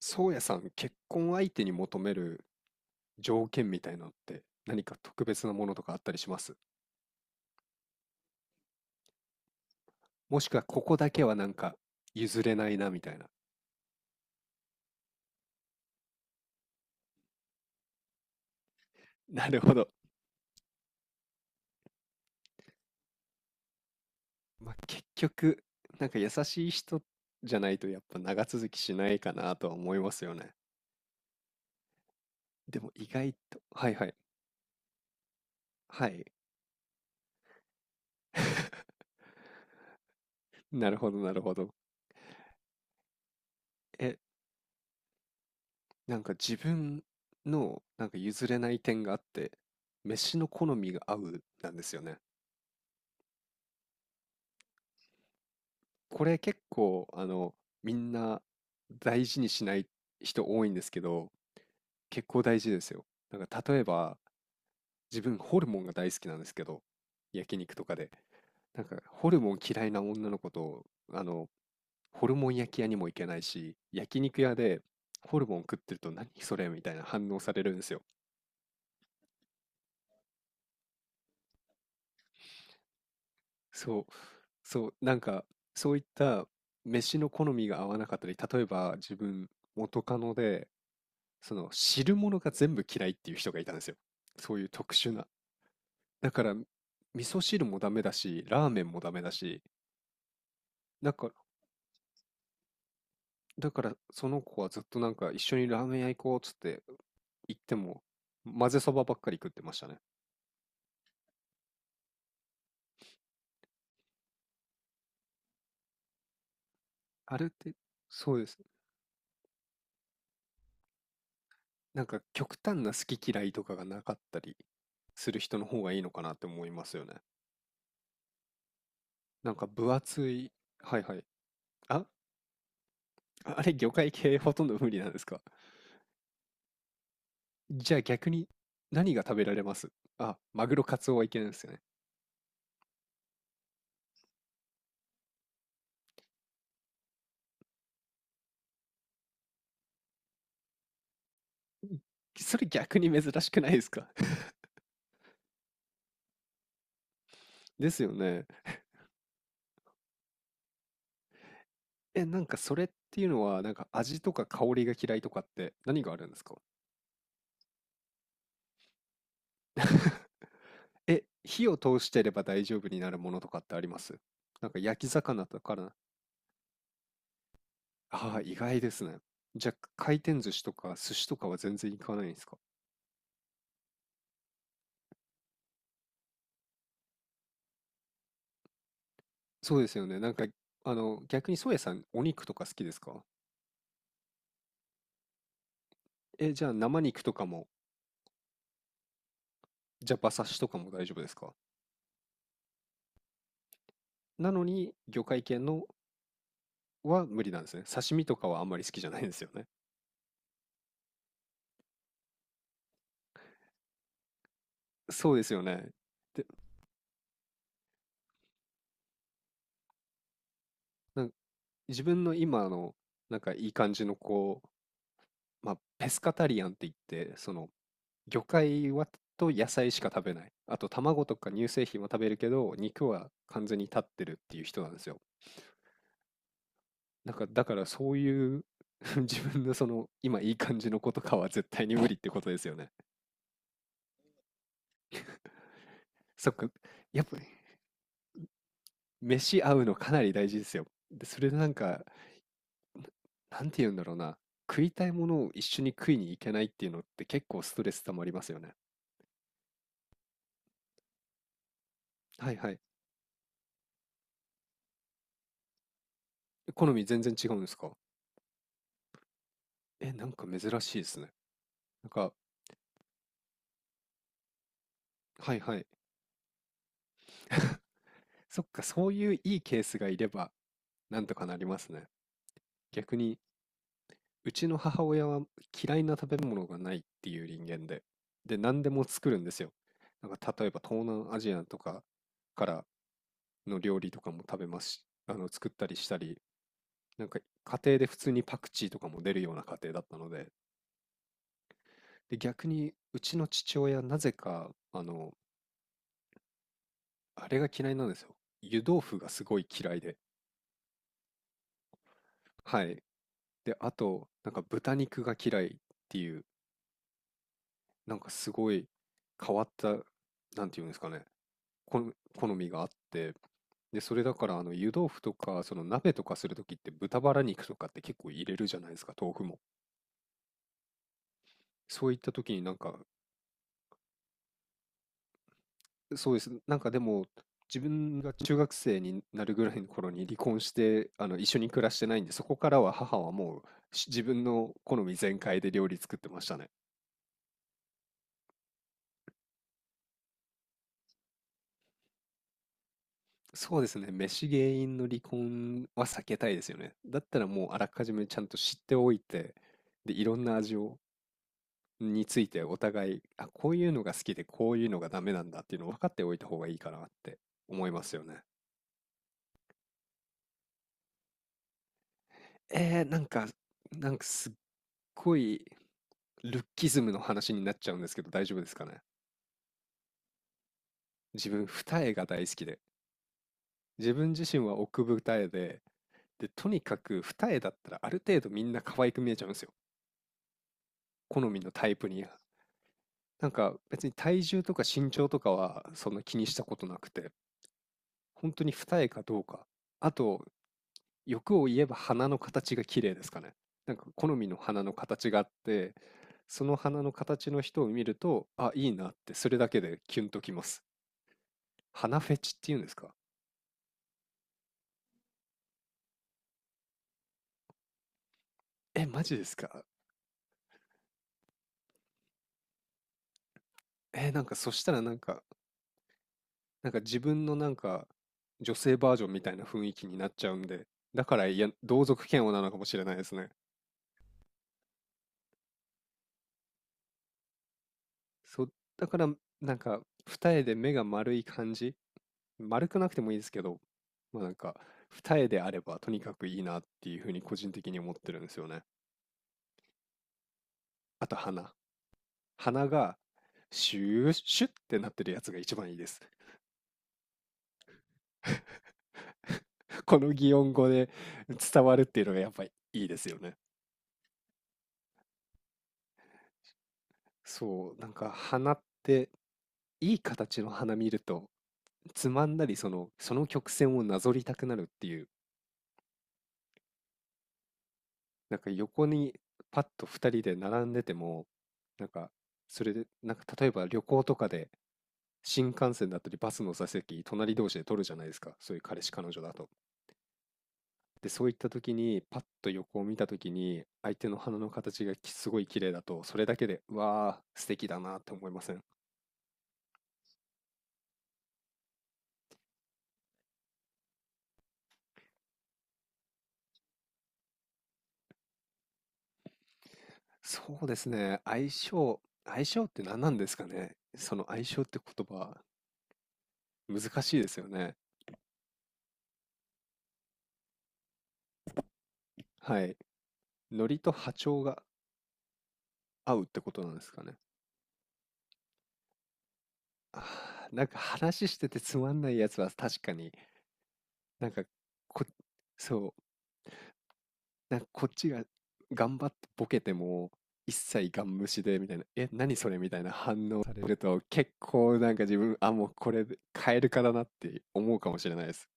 宗谷さん、結婚相手に求める条件みたいなのって何か特別なものとかあったりします？もしくはここだけはなんか譲れないなみたいな。なるほど。まあ、結局、なんか優しい人じゃないとやっぱ長続きしないかなとは思いますよね。でも意外と、はいはい、はい。なるほどなるほど。え、なんか自分のなんか譲れない点があって、飯の好みが合うなんですよね。これ結構、みんな大事にしない人多いんですけど、結構大事ですよ。なんか例えば、自分ホルモンが大好きなんですけど、焼肉とかで。なんかホルモン嫌いな女の子と、あの、ホルモン焼き屋にも行けないし、焼肉屋でホルモン食ってると何それみたいな反応されるんですよ。そう、そう、なんかそういった飯の好みが合わなかったり、例えば自分元カノで、その汁物が全部嫌いっていう人がいたんですよ。そういう特殊な。だから味噌汁もダメだし、ラーメンもダメだし、だから、だからその子はずっとなんか一緒にラーメン屋行こうっつって行っても混ぜそばばっかり食ってましたね。あれって、そうです。なんか極端な好き嫌いとかがなかったりする人の方がいいのかなって思いますよね。なんか分厚い、はいはい。あ、あれ魚介系ほとんど無理なんですか？じゃあ逆に何が食べられます？あ、マグロ、カツオはいけないですよね。それ逆に珍しくないですか？ ですよね。え、なんかそれっていうのは、なんか味とか香りが嫌いとかって何があるんですか？え、火を通してれば大丈夫になるものとかってあります？なんか焼き魚とかな。ああ、意外ですね。じゃあ回転寿司とか寿司とかは全然行かないんですか？そうですよね。なんか、逆にソエさん、お肉とか好きですか？え、じゃあ生肉とかも、じゃあ馬刺しとかも大丈夫ですか？なのに、魚介系のは無理なんですね。刺身とかはあんまり好きじゃないんですよね。そうですよね。で、なんか自分の今の、なんかいい感じのこう、まあ、ペスカタリアンって言って、その、魚介はと野菜しか食べない。あと、卵とか乳製品は食べるけど、肉は完全に立ってるっていう人なんですよ。なんか、だからそういう 自分のその、今いい感じの子とかは絶対に無理ってことですよね。そっか。やっぱ、飯合うのかなり大事ですよ。で、それでなんか、なんて言うんだろうな。食いたいものを一緒に食いに行けないっていうのって結構ストレス溜まりますよね。はいはい。好み全然違うんですか？え、なんか珍しいですね。なんか、はいはい。そっか、そういういいケースがいれば、なんとかなりますね。逆に、うちの母親は嫌いな食べ物がないっていう人間で、で、何でも作るんですよ。なんか、例えば東南アジアとかからの料理とかも食べますし、作ったりしたり、なんか家庭で普通にパクチーとかも出るような家庭だったので、で逆にうちの父親なぜかあれが嫌いなんですよ。湯豆腐がすごい嫌いで、はい。であとなんか豚肉が嫌いっていうなんかすごい変わったなんていうんですかね、こん好みがあって、でそれだから湯豆腐とかその鍋とかするときって豚バラ肉とかって結構入れるじゃないですか豆腐も。そういったときになんかそうです。なんかでも、自分が中学生になるぐらいの頃に離婚して、一緒に暮らしてないんで、そこからは母はもうし自分の好み全開で料理作ってましたね。そうですね。飯原因の離婚は避けたいですよね。だったらもうあらかじめちゃんと知っておいて、で、いろんな味を、についてお互い、あ、こういうのが好きでこういうのがダメなんだっていうのを分かっておいた方がいいかなって思いますよね。なんか、なんかすっごいルッキズムの話になっちゃうんですけど大丈夫ですかね？自分二重が大好きで、自分自身は奥二重で、でとにかく二重だったらある程度みんな可愛く見えちゃうんですよ、好みのタイプに。なんか別に体重とか身長とかはそんな気にしたことなくて、本当に二重かどうか。あと欲を言えば鼻の形が綺麗ですかね。なんか好みの鼻の形があって、その鼻の形の人を見るとあいいなってそれだけでキュンときます。鼻フェチっていうんですか？え、マジですか？え、なんかそしたらなんか、なんか自分のなんか、女性バージョンみたいな雰囲気になっちゃうんで、だから、いや、同族嫌悪なのかもしれないですね。そう、だから、なんか二重で目が丸い感じ、丸くなくてもいいですけど、ま、なんか二重であればとにかくいいなっていう風に個人的に思ってるんですよね。あと鼻。鼻がシューシュッってなってるやつが一番いいです。この擬音語で伝わるっていうのがやっぱりいいですよね。そう、なんか鼻っていい形の花見るとつまんだりその、その曲線をなぞりたくなるっていう、なんか横にパッと2人で並んでても、なんかそれで、なんか例えば旅行とかで新幹線だったりバスの座席隣同士で取るじゃないですか、そういう彼氏彼女だと。で、そういった時にパッと横を見た時に相手の鼻の形がきすごい綺麗だと、それだけで、うわー素敵だなって思いません？そうですね。相性って何なんですかね。その相性って言葉、難しいですよね。はい。ノリと波長が合うってことなんですかね。あーなんか話しててつまんないやつは確かに、なんかこ、そう、なんかこっちが頑張ってボケても、一切ガン無視でみたいな、え、何それみたいな反応されると、結構なんか自分、あ、もうこれで変えるかだなって思うかもしれないです。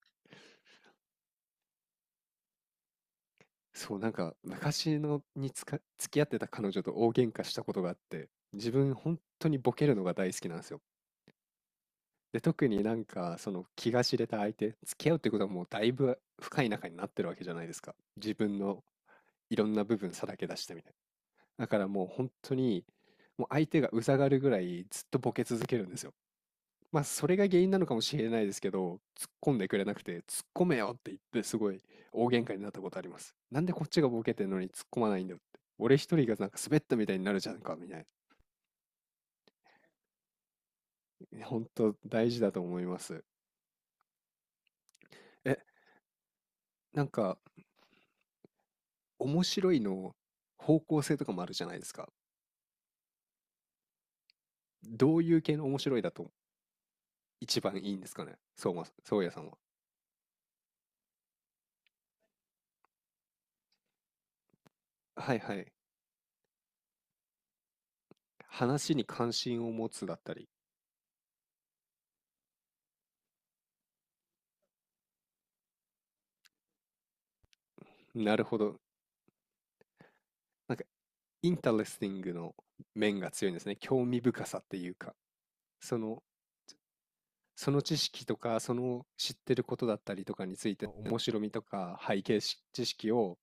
そう、なんか昔のにつか付き合ってた彼女と大喧嘩したことがあって、自分本当にボケるのが大好きなんですよ。で、特になんかその気が知れた相手、付き合うってことはもうだいぶ深い仲になってるわけじゃないですか。自分のいろんな部分さらけ出してみたいな。だからもう本当に、もう相手がうざがるぐらいずっとボケ続けるんですよ。まあ、それが原因なのかもしれないですけど、突っ込んでくれなくて、突っ込めよって言って、すごい大喧嘩になったことあります。なんでこっちがボケてんのに突っ込まないんだよって。俺一人がなんか滑ったみたいになるじゃんか、みたいな。本当大事だと思います。え、なんか、面白いの方向性とかもあるじゃないですか。どういう系の面白いだと一番いいんですかね、そうま、そうやさんは。はいはい。話に関心を持つだったり。なるほど。なんかインタレスティングの面が強いんですね。興味深さっていうか、その、その知識とか、その知ってることだったりとかについて、面白みとか背景し知識を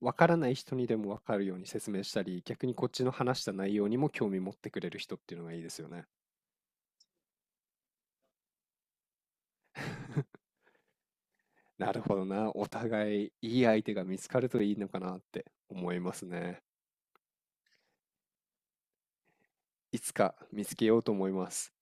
分からない人にでも分かるように説明したり、逆にこっちの話した内容にも興味持ってくれる人っていうのがいいですよね。なるほどな。お互いいい相手が見つかるといいのかなって思いますね。いつか見つけようと思います。